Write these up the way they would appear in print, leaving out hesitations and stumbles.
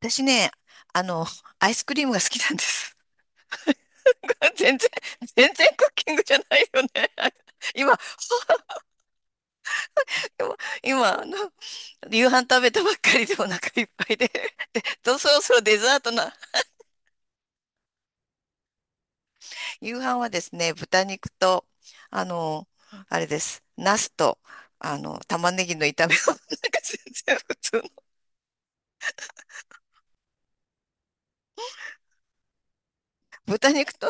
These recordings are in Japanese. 私ね、あの、アイスクリームが好きなんです。全然、全然クッキングじゃないよね。今、今、夕飯食べたばっかりでお腹いっぱいで。で、とそろそろデザートな。夕飯はですね、豚肉と、あの、あれです。ナスと、玉ねぎの炒め物。なんか全然普通の。豚肉と、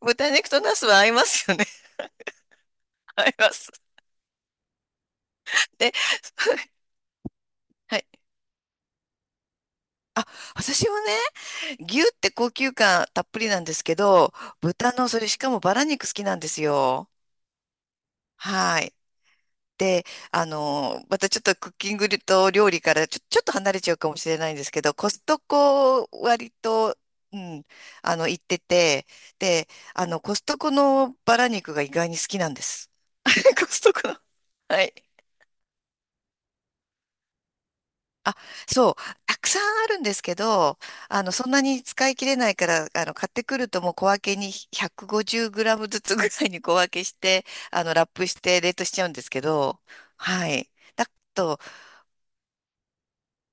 豚肉とナスは合いますよね。合います。で、はい。私はね、牛って高級感たっぷりなんですけど、豚のそれしかもバラ肉好きなんですよ。はい。で、またちょっとクッキングと料理からちょっと離れちゃうかもしれないんですけど、コストコ割と、うん、行ってて、で、コストコのバラ肉が意外に好きなんです。コストコの。はい。あ、そう、たくさんあるんですけど、そんなに使い切れないから、買ってくるともう小分けに150グラムずつぐらいに小分けして、ラップして冷凍しちゃうんですけど、はい。だと、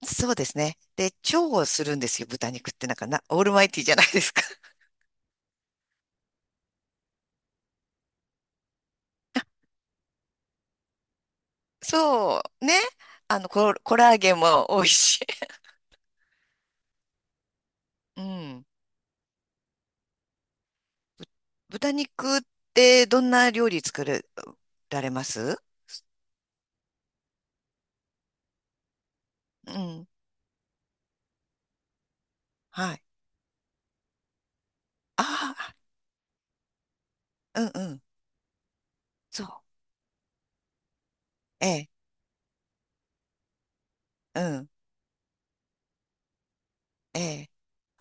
そうですね。で、調をするんですよ。豚肉ってなんかな、オールマイティーじゃないですか。そう、ね。コラーゲンも多いし。うん。豚肉ってどんな料理作れられます？うん。はい。ああ、うんうん。そう。ええ、うん、ええ。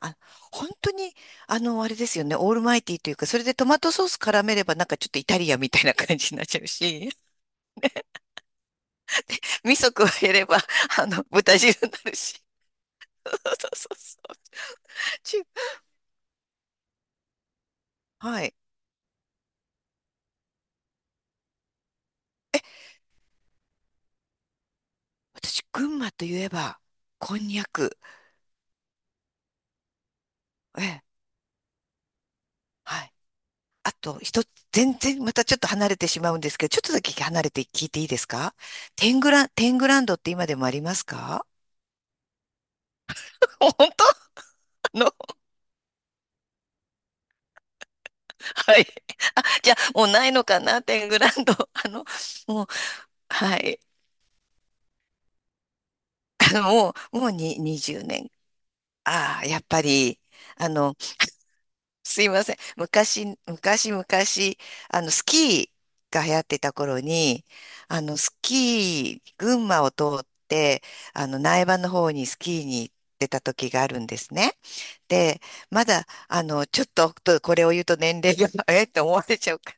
あ、本当に、あれですよね。オールマイティーというか、それでトマトソース絡めれば、なんかちょっとイタリアンみたいな感じになっちゃうし、味噌加えれば、豚汁になるし。そうそうそう。ちゅはい。私、群馬といえば、こんにゃく。ええ、はい。あと、一つ、全然またちょっと離れてしまうんですけど、ちょっとだけ離れて聞いていいですか？テングランドって今でもありますか？ 本当あのはい。あ、じゃあ、もうないのかな、テングランド。あの、もう、はい。あの、もう、もうに20年。ああ、やっぱり、あの、すいません。昔、昔、昔、スキーが流行ってた頃に、あの、スキー、群馬を通って、苗場の方にスキーに行ってた時があるんですね。で、まだ、あの、ちょっと、これを言うと年齢が、えって思われちゃうか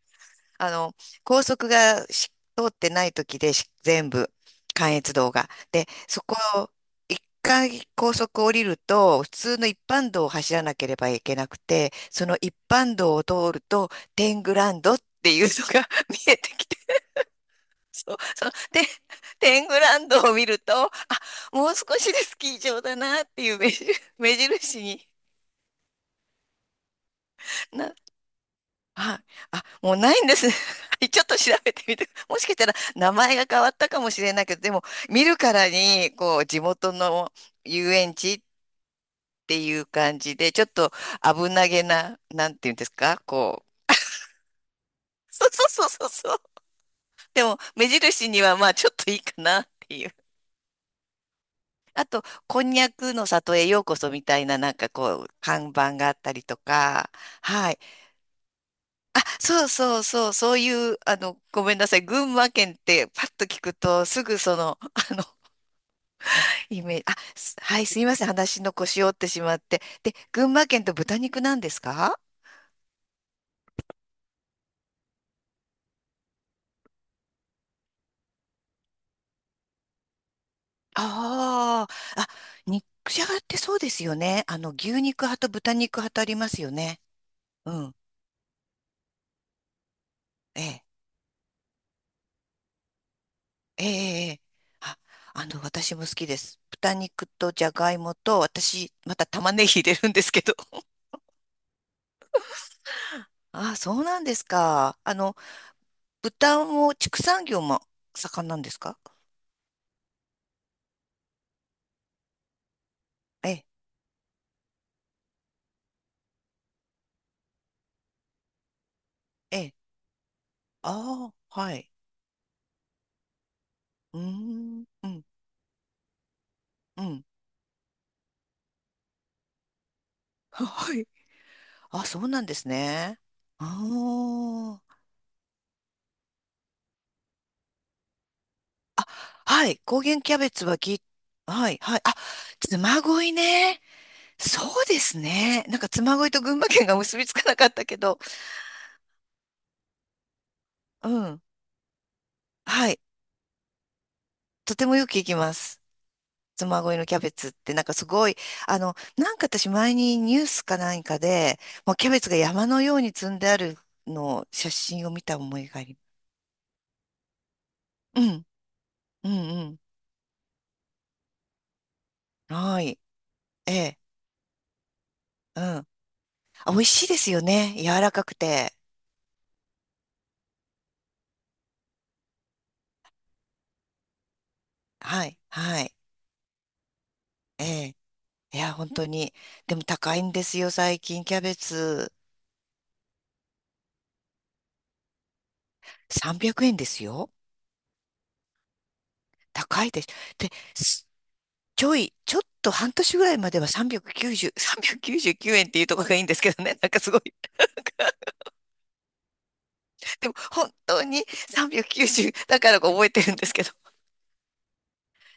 あの、高速がし通ってない時でし全部、関越道が。で、そこ、一回高速降りると、普通の一般道を走らなければいけなくて、その一般道を通ると、テングランドっていうのが 見えてきて、そう、テングランドを見ると、あ、もう少しでスキー場だなっていう目印、目印になはい。あ、もうないんですね。はい、ちょっと調べてみて。もしかしたら名前が変わったかもしれないけど、でも見るからに、こう、地元の遊園地っていう感じで、ちょっと危なげな、なんていうんですか、こう。そうそうそうそうそう。でも、目印にはまあ、ちょっといいかなっていう。あと、こんにゃくの里へようこそみたいな、なんかこう、看板があったりとか、はい。あ、そうそうそう、そういう、ごめんなさい。群馬県ってパッと聞くと、すぐその、イメージ、あ、すはい、すいません。話の腰折ってしまって。で、群馬県と豚肉なんですか？あああ、肉じゃがってそうですよね。あの、牛肉派と豚肉派とありますよね。うん。ええ、ええ、ええ。あ、私も好きです。豚肉とじゃがいもと、私、また玉ねぎ入れるんですけど。ああ、そうなんですか。豚も畜産業も盛んなんですか？ええ、ええ、ああ、はい。うーん、うん、うん。はい。あ、そうなんですね。ああ。あ、はい。高原キャベツはき、はい、はい。あ、嬬恋ね。そうですね。なんか嬬恋と群馬県が結びつかなかったけど。うん。はい。とてもよく行きます。ご恋のキャベツってなんかすごい、なんか私前にニュースか何かで、もうキャベツが山のように積んであるのを写真を見た思いがあり。うん、うん、うん。はい。ええ、うん。あ、美味しいですよね。柔らかくて。はい、はい。ええ。いや、本当に。でも高いんですよ、最近。キャベツ。300円ですよ。高いです。で、すちょっと半年ぐらいまでは390、399円っていうところがいいんですけどね。なんかすごいでも本当に390だからか覚えてるんですけど、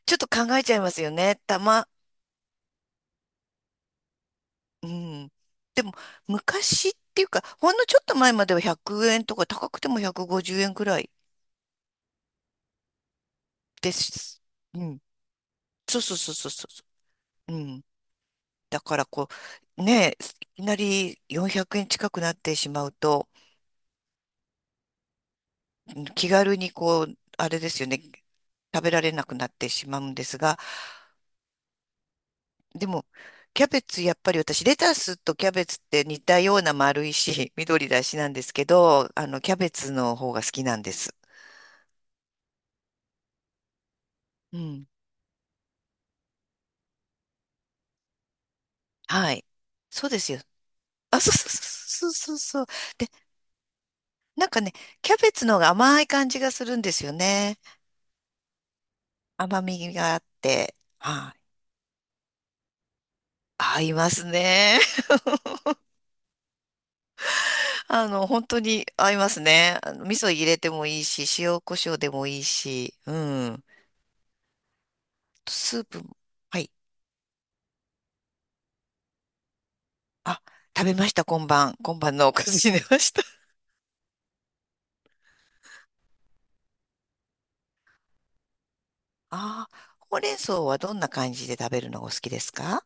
ちょっと考えちゃいますよね。たま、うん。でも昔っていうか、ほんのちょっと前までは100円とか高くても150円くごじゅうえんくらいです。うん。そうそうそうそうそう。うん。だからこう、ねえ、いきなり400円近くなってしまうと、うん、気軽にこう、あれですよね、食べられなくなってしまうんですが、でも、キャベツ、やっぱり私、レタスとキャベツって似たような丸いし、緑だしなんですけど、キャベツの方が好きなんです。うん。はい。そうですよ。あ、そうそうそうそうそうそう。で、なんかね、キャベツの方が甘い感じがするんですよね。甘みがあって。はい。合いますね。本当に合いますね。あの味噌入れてもいいし、塩コショウでもいいし、うん。スープも、はい。あ、食べました、今晩。今晩のおかずに出ました。ああ、ほうれん草はどんな感じで食べるのがお好きですか？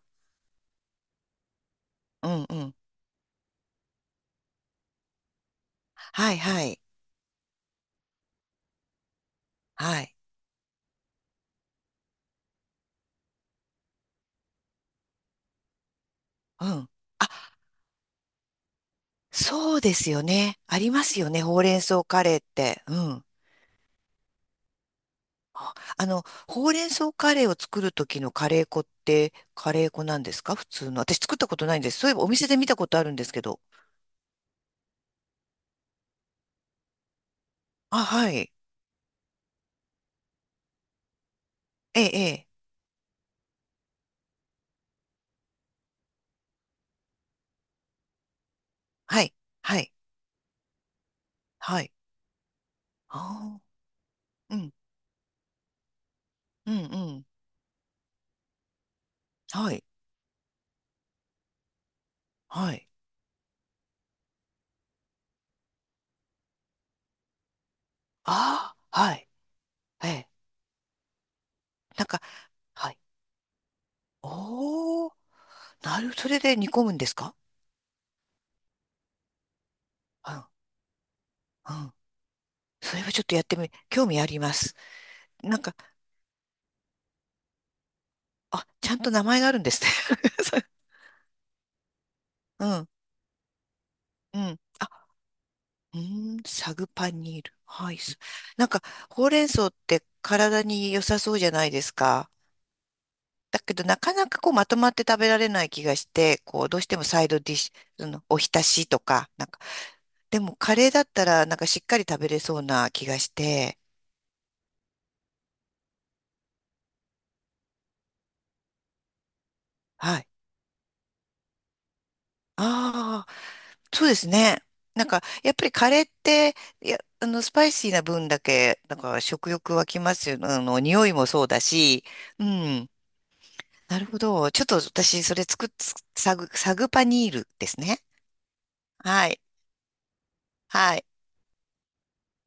うんうん。はいはい。はい。うん。あ、そうですよね。ありますよね、ほうれん草カレーって。うん。ああの、ほうれん草カレーを作る時のカレー粉って、カレー粉なんですか普通の。私作ったことないんです。そういえばお店で見たことあるんですけど。あ、はい。ええ、ええ。はい。はい。はい。ああ。うん。うん、うん。はい。はい。ああ、はい。ええ。なんか、はい。おー、なる、それで煮込むんですか？うん、うん。それはちょっとやってみ、興味あります。なんか、あ、ちゃんと名前があるんですね。うん、うん。あ、うーん、サグパニール。はい。すなんか、ほうれん草って体に良さそうじゃないですか。だけど、なかなかこう、まとまって食べられない気がして、こう、どうしてもサイドディッシュ、その、お浸しとか、なんか、でも、カレーだったら、なんかしっかり食べれそうな気がして、はい。ああ、そうですね。なんか、やっぱりカレーって、いや、スパイシーな分だけ、なんか食欲湧きますよね。あの、匂いもそうだし、うん。なるほど。ちょっと私、それ作っ、サグパニールですね。はい。はい。